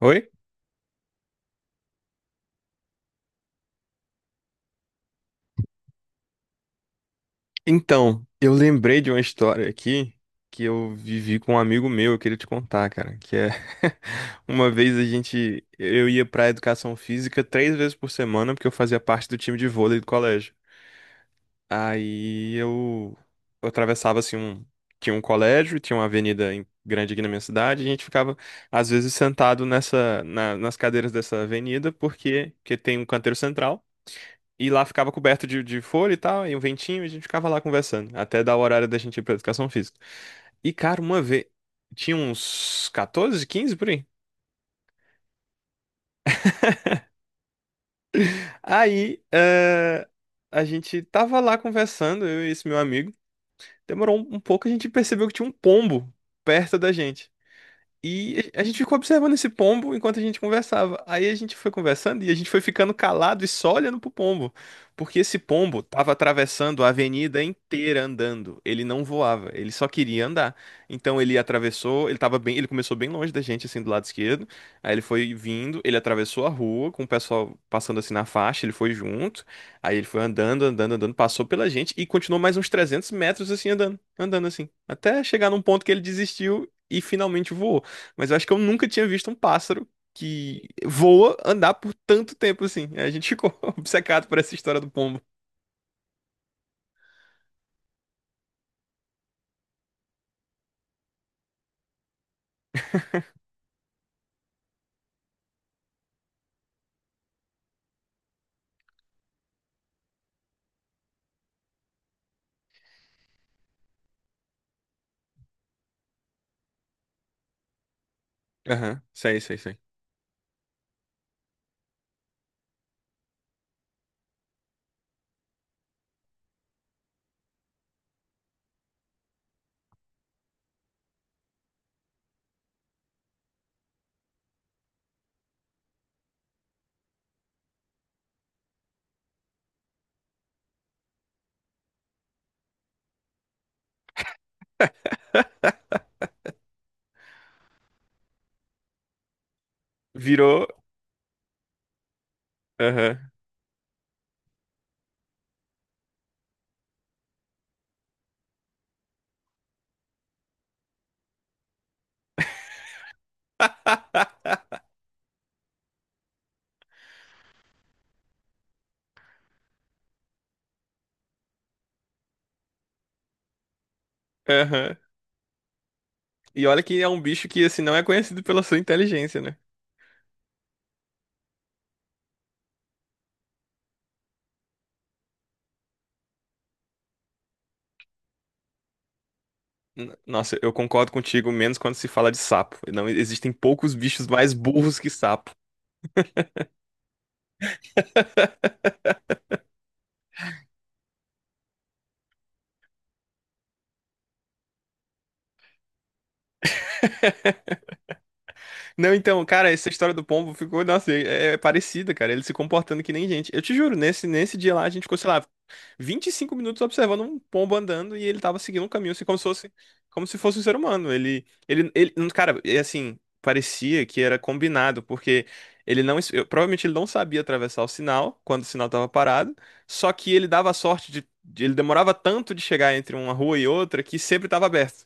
Oi? Então, eu lembrei de uma história aqui que eu vivi com um amigo meu. Eu queria te contar, cara, que é uma vez a gente eu ia pra educação física três vezes por semana, porque eu fazia parte do time de vôlei do colégio. Aí eu atravessava assim tinha um colégio, tinha uma avenida grande aqui na minha cidade, e a gente ficava às vezes sentado nas cadeiras dessa avenida, porque que tem um canteiro central. E lá ficava coberto de folha e tal, e um ventinho, e a gente ficava lá conversando, até dar o horário da gente ir pra educação física. E, cara, uma vez. Tinha uns 14, 15 por aí. Aí, a gente tava lá conversando, eu e esse meu amigo. Demorou um pouco, a gente percebeu que tinha um pombo perto da gente. E a gente ficou observando esse pombo enquanto a gente conversava. Aí a gente foi conversando e a gente foi ficando calado e só olhando pro pombo, porque esse pombo tava atravessando a avenida inteira andando. Ele não voava, ele só queria andar. Então ele atravessou, ele tava bem, ele começou bem longe da gente, assim, do lado esquerdo. Aí ele foi vindo, ele atravessou a rua com o pessoal passando assim na faixa, ele foi junto. Aí ele foi andando, andando, andando, passou pela gente e continuou mais uns 300 metros assim andando, andando assim, até chegar num ponto que ele desistiu e finalmente voou. Mas eu acho que eu nunca tinha visto um pássaro que voa andar por tanto tempo assim. A gente ficou obcecado por essa história do pombo. Aham, sei, sei, sei. Virou. Aham, aham. E olha que é um bicho que, assim, não é conhecido pela sua inteligência, né? Nossa, eu concordo contigo, menos quando se fala de sapo. Não existem poucos bichos mais burros que sapo. Não, então, cara, essa história do pombo ficou, nossa, é parecida, cara. Ele se comportando que nem gente. Eu te juro, nesse dia lá, a gente ficou, sei lá, 25 minutos observando um pombo andando e ele tava seguindo um caminho, assim, como se fosse um ser humano. Ele, cara, é assim, parecia que era combinado, porque ele não, provavelmente ele não sabia atravessar o sinal quando o sinal tava parado, só que ele dava a sorte ele demorava tanto de chegar entre uma rua e outra que sempre tava aberto.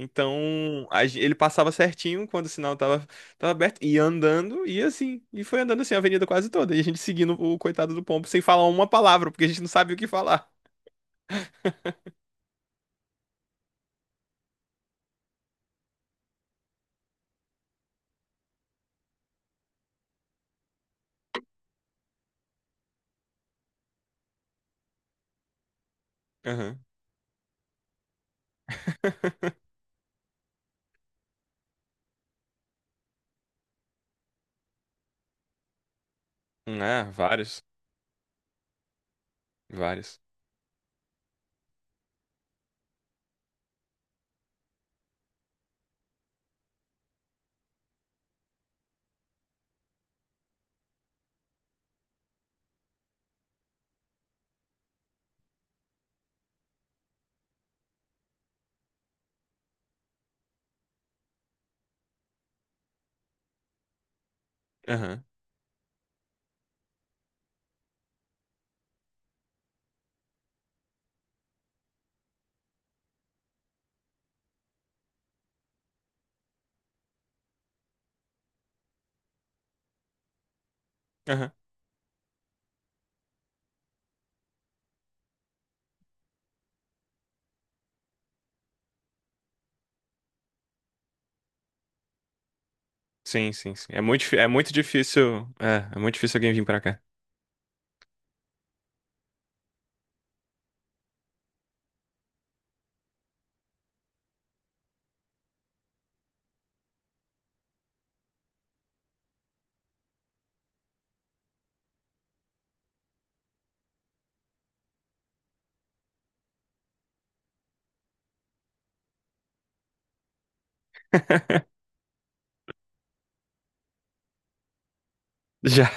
Então, ele passava certinho quando o sinal tava aberto, ia andando, e assim, e foi andando assim a avenida quase toda, e a gente seguindo o coitado do pombo sem falar uma palavra, porque a gente não sabia o que falar. Aham. Ah, vários. Vários. Aham. Aham. Sim, sim, sim. É muito difícil. É, é muito difícil alguém vir pra cá. Já.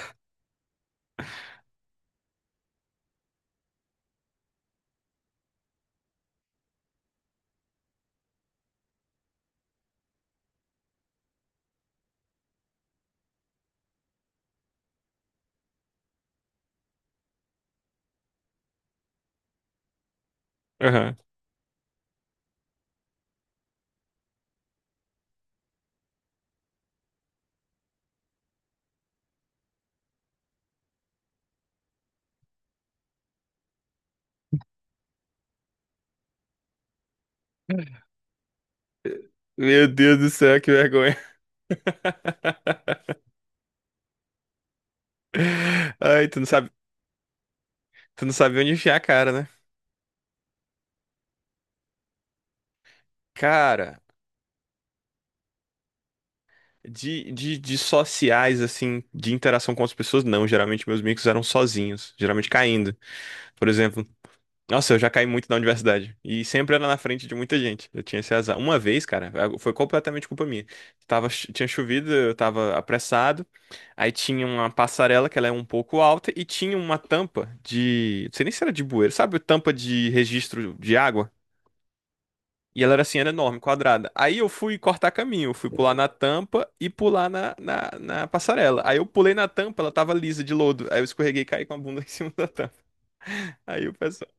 Aham. Meu Deus do céu, que vergonha. Ai, tu não sabe onde enfiar a cara, né? Cara, de sociais, assim, de interação com as pessoas, não. Geralmente meus micos eram sozinhos, geralmente caindo. Por exemplo, nossa, eu já caí muito na universidade. E sempre era na frente de muita gente. Eu tinha esse azar. Uma vez, cara, foi completamente culpa minha. Tinha chovido, eu tava apressado. Aí tinha uma passarela que ela é um pouco alta e tinha uma tampa de. Não sei nem se era de bueiro, sabe? Tampa de registro de água. E ela era assim, era enorme, quadrada. Aí eu fui cortar caminho, eu fui pular na tampa e pular na passarela. Aí eu pulei na tampa, ela tava lisa de lodo. Aí eu escorreguei e caí com a bunda em cima da tampa. Aí o pessoal.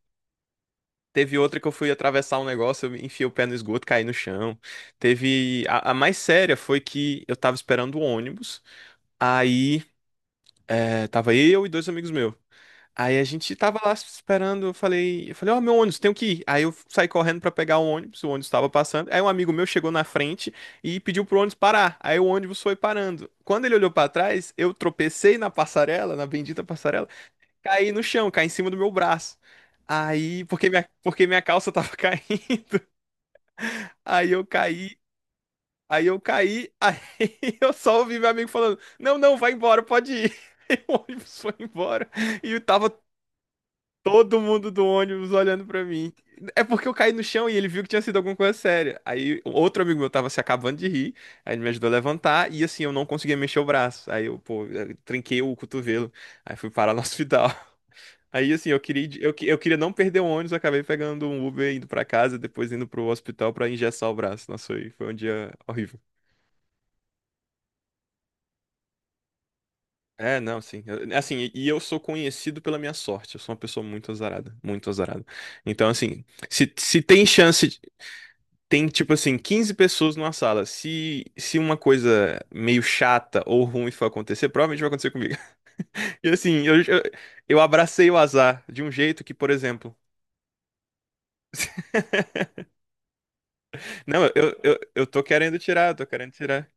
Teve outra que eu fui atravessar um negócio, eu enfiei o pé no esgoto, caí no chão. Teve. A mais séria foi que eu tava esperando o ônibus. Aí, tava eu e dois amigos meus. Aí a gente tava lá esperando, eu falei, ó, meu ônibus, tenho que ir. Aí eu saí correndo pra pegar o ônibus tava passando. Aí um amigo meu chegou na frente e pediu pro ônibus parar. Aí o ônibus foi parando. Quando ele olhou pra trás, eu tropecei na passarela, na bendita passarela, caí no chão, caí em cima do meu braço. Aí, porque minha calça tava caindo. Aí eu caí, aí eu caí, aí eu só ouvi meu amigo falando: não, não, vai embora, pode ir. E o ônibus foi embora. E tava todo mundo do ônibus olhando pra mim. É porque eu caí no chão e ele viu que tinha sido alguma coisa séria. Aí outro amigo meu tava se acabando de rir, aí ele me ajudou a levantar e assim eu não conseguia mexer o braço. Aí eu, pô, eu trinquei o cotovelo, aí fui parar no hospital. Aí assim, eu queria, eu, eu queria não perder o ônibus, eu acabei pegando um Uber indo pra casa, depois indo pro hospital pra engessar o braço. Nossa, foi, foi um dia horrível. É, não, sim. Assim, e eu sou conhecido pela minha sorte. Eu sou uma pessoa muito azarada, muito azarada. Então, assim, se tem chance, tem tipo assim, 15 pessoas numa sala. Se uma coisa meio chata ou ruim for acontecer, provavelmente vai acontecer comigo. E assim, eu, abracei o azar de um jeito que, por exemplo. Não, eu, eu tô querendo tirar, eu tô querendo tirar.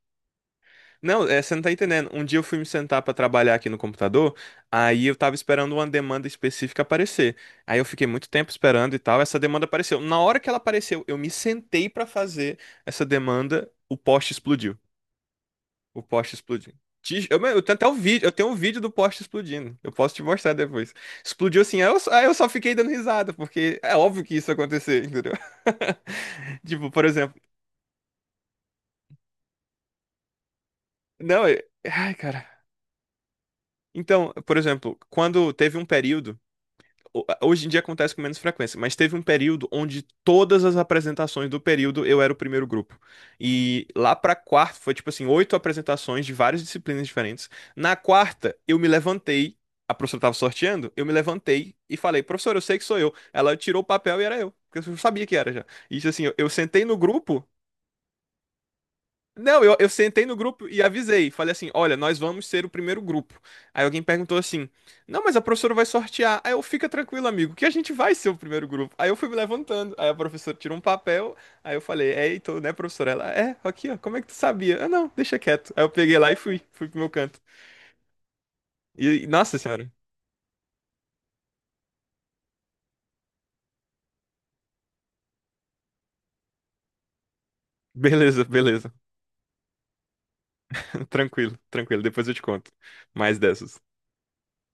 Não, é, você não tá entendendo. Um dia eu fui me sentar pra trabalhar aqui no computador, aí eu tava esperando uma demanda específica aparecer. Aí eu fiquei muito tempo esperando e tal, essa demanda apareceu. Na hora que ela apareceu, eu me sentei pra fazer essa demanda, o poste explodiu. O poste explodiu. Eu tenho até o vídeo, eu tenho um vídeo do poste explodindo. Eu posso te mostrar depois. Explodiu assim, aí eu só fiquei dando risada, porque é óbvio que isso ia acontecer, entendeu? Tipo, por exemplo, não, ai, cara. Então, por exemplo, quando teve um período, hoje em dia acontece com menos frequência, mas teve um período onde todas as apresentações do período eu era o primeiro grupo. E lá pra quarta foi tipo assim, oito apresentações de várias disciplinas diferentes. Na quarta, eu me levantei, a professora tava sorteando, eu me levantei e falei, professora, eu sei que sou eu. Ela tirou o papel e era eu, porque eu sabia que era já. E isso assim, eu sentei no grupo. Não, eu sentei no grupo e avisei. Falei assim: olha, nós vamos ser o primeiro grupo. Aí alguém perguntou assim: não, mas a professora vai sortear. Aí eu, fica tranquilo, amigo, que a gente vai ser o primeiro grupo. Aí eu fui me levantando. Aí a professora tirou um papel. Aí eu falei: é, então, né, professora? Ela, é, aqui, ó, como é que tu sabia? Eu, não, deixa quieto. Aí eu peguei lá e fui, fui pro meu canto. E, nossa senhora, beleza, beleza. Tranquilo, tranquilo. Depois eu te conto mais dessas.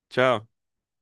Tchau.